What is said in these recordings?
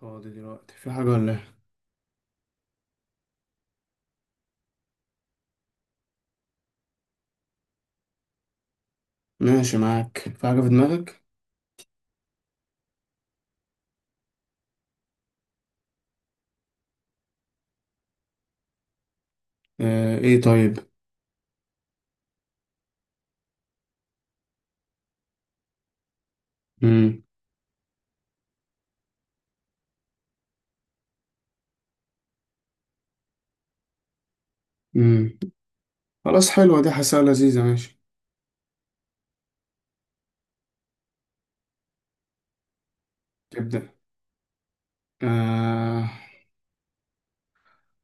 فاضي دلوقتي في حاجة ولا إيه؟ ماشي، معاك في حاجة في دماغك؟ آه، إيه طيب؟ مم. مم. خلاص، حلوة دي، حاسها لذيذة. ماشي. تبدأ. آه.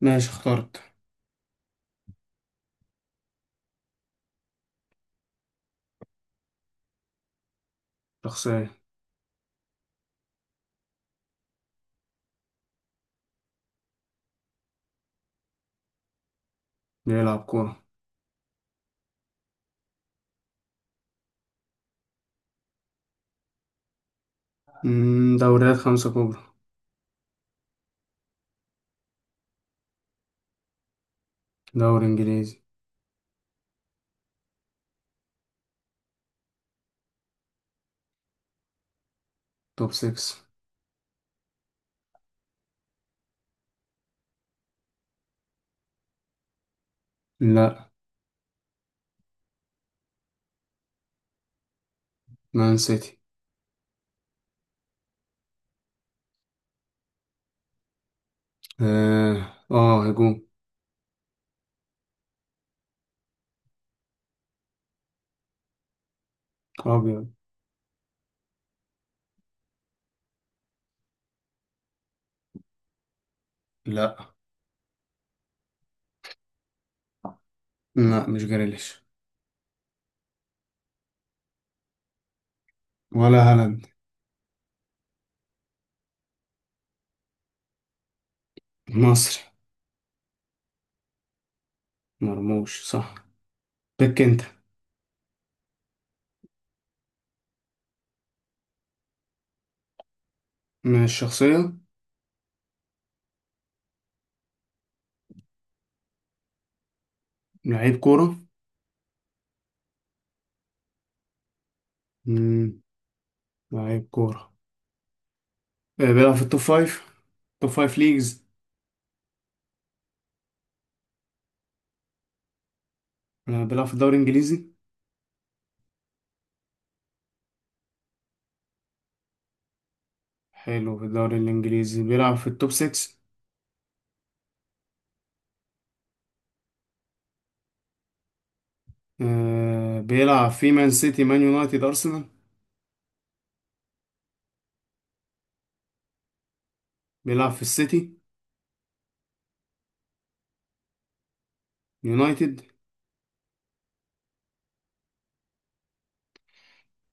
ماشي، اخترت. شخصية. بيلعب كورة. مم. دوريات 5 كبرى. دوري إنجليزي. توب 6. لا. مان سيتي. آه آه، هجوم. أبيض. لا. لا، مش جريليش. ولا هالاند. مصري. مرموش صح. بك أنت. مش شخصية. لعيب كورة. مم. لعيب كورة. بيلعب في التوب 5. توب 5 ليجز. بيلعب في الدوري الإنجليزي. حلو، في الدوري الإنجليزي بيلعب في التوب 6. بيلعب في مان سيتي، مان يونايتد، أرسنال. بيلعب في السيتي. يونايتد.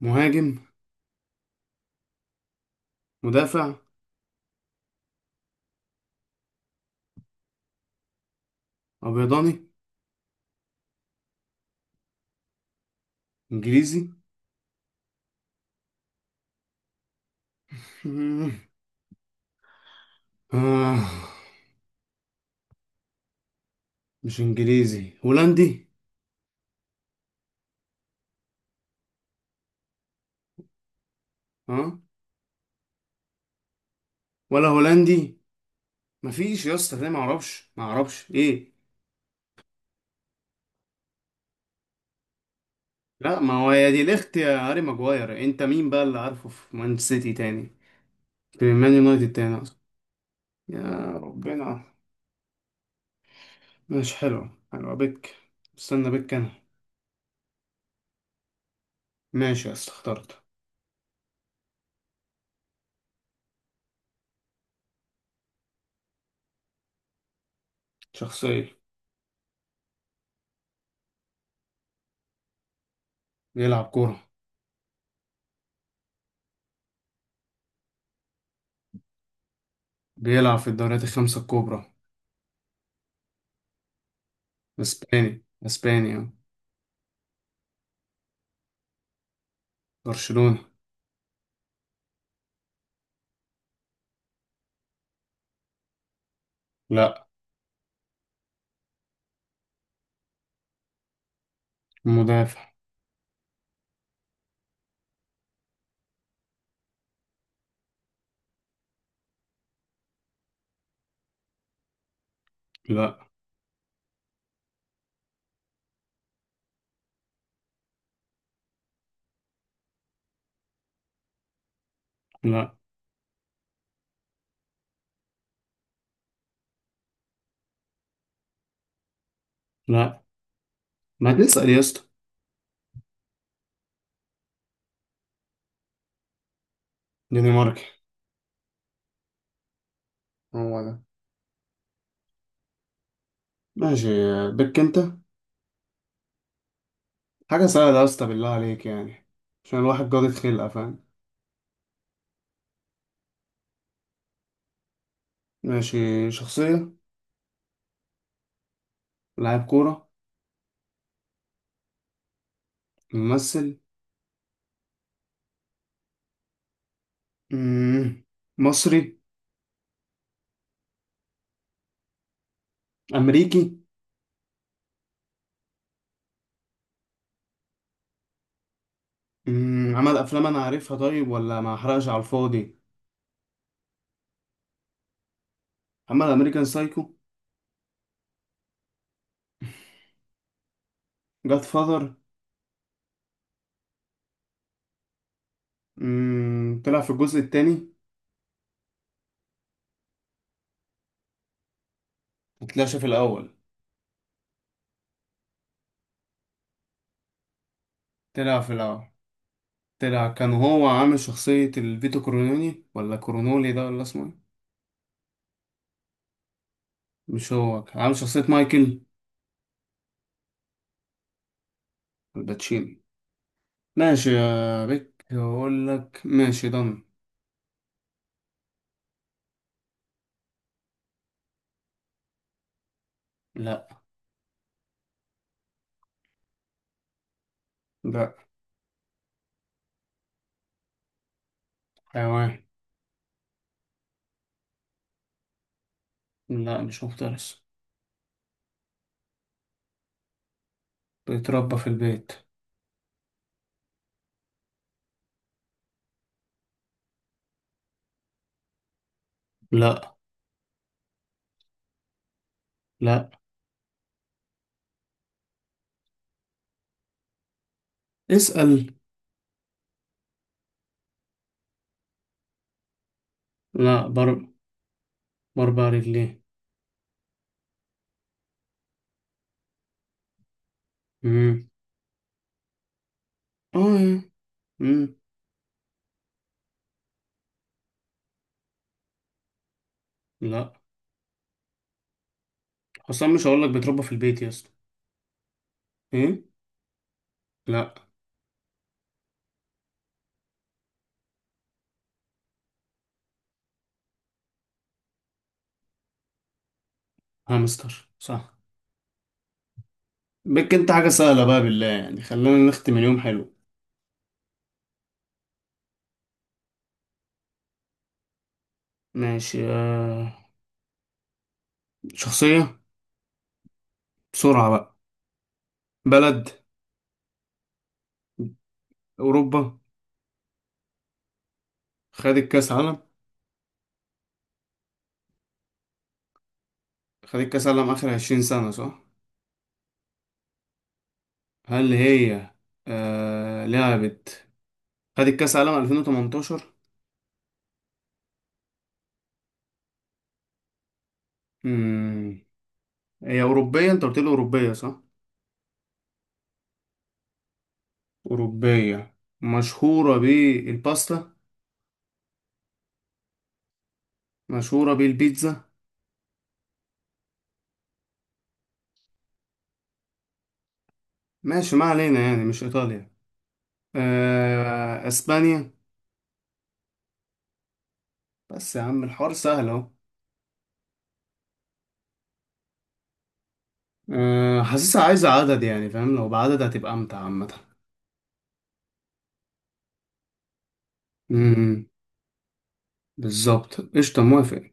مهاجم. مدافع. أبيضاني. إنجليزي. آه، مش إنجليزي، هولندي. ها. ولا هولندي. مفيش يا اسطى، ده معرفش إيه. لا، ما هو يا دي الاخت يا هاري ماجواير، انت مين بقى اللي عارفه في مان سيتي تاني، في مان يونايتد تاني أصلا؟ يا ربنا. ماشي، حلو حلو، بك. استنى بك أنا. ماشي يا اسطى، اخترت. شخصية. بيلعب كورة. بيلعب في الدوريات الـ5 الكبرى. اسباني، اسبانيا. برشلونة. لا. مدافع. لا. لا. لا، ما تسأل يا اسطى. دنماركي. هو ده. ماشي. بك انت. حاجة سهلة يا اسطى بالله عليك يعني، عشان الواحد جاضي خلقة فاهم. ماشي. شخصية. لاعب كورة. ممثل. مم، مصري. امريكي. عمل افلام انا عارفها، طيب ولا ما احرقش على الفاضي؟ عمل امريكان سايكو. جاد فاذر. طلع في الجزء التاني. مطلعش في الاول. طلع في الاول. طلع، كان هو عامل شخصية الفيتو كورونولي، ولا كورونولي ده، ولا اسمه إيه؟ مش هو، كان عامل شخصية مايكل. الباتشيني. ماشي يا بيك، اقول لك ماشي ضن. لا. لا. حيوان. لا مش مفترس. بيتربى في البيت. لا. لا. اسأل. لا برضه. باربع رجلين. امم. اه. امم. لا، حسام مش هقول لك بيتربى في البيت يا اسطى. ايه. لا. هامستر صح. بك انت، حاجة سهلة بقى بالله يعني، خلينا نختم اليوم. حلو. ماشي. آه. شخصية. بسرعة بقى. بلد. أوروبا. خدت كأس عالم. خدت كأس عالم آخر 20 سنة صح. هل هي آه. لعبت. خدت كأس عالم 2018. امم. هي أوروبية، انت قلت لي أوروبية صح. أوروبية. مشهورة بالباستا. مشهورة بالبيتزا. ماشي ما علينا، يعني مش إيطاليا. أسبانيا. بس يا عم الحوار سهل أهو. آه، حاسسها عايزة عدد يعني، فاهم، لو بعدد هتبقى أمتع عامة. أمم، بالظبط قشطة موافق.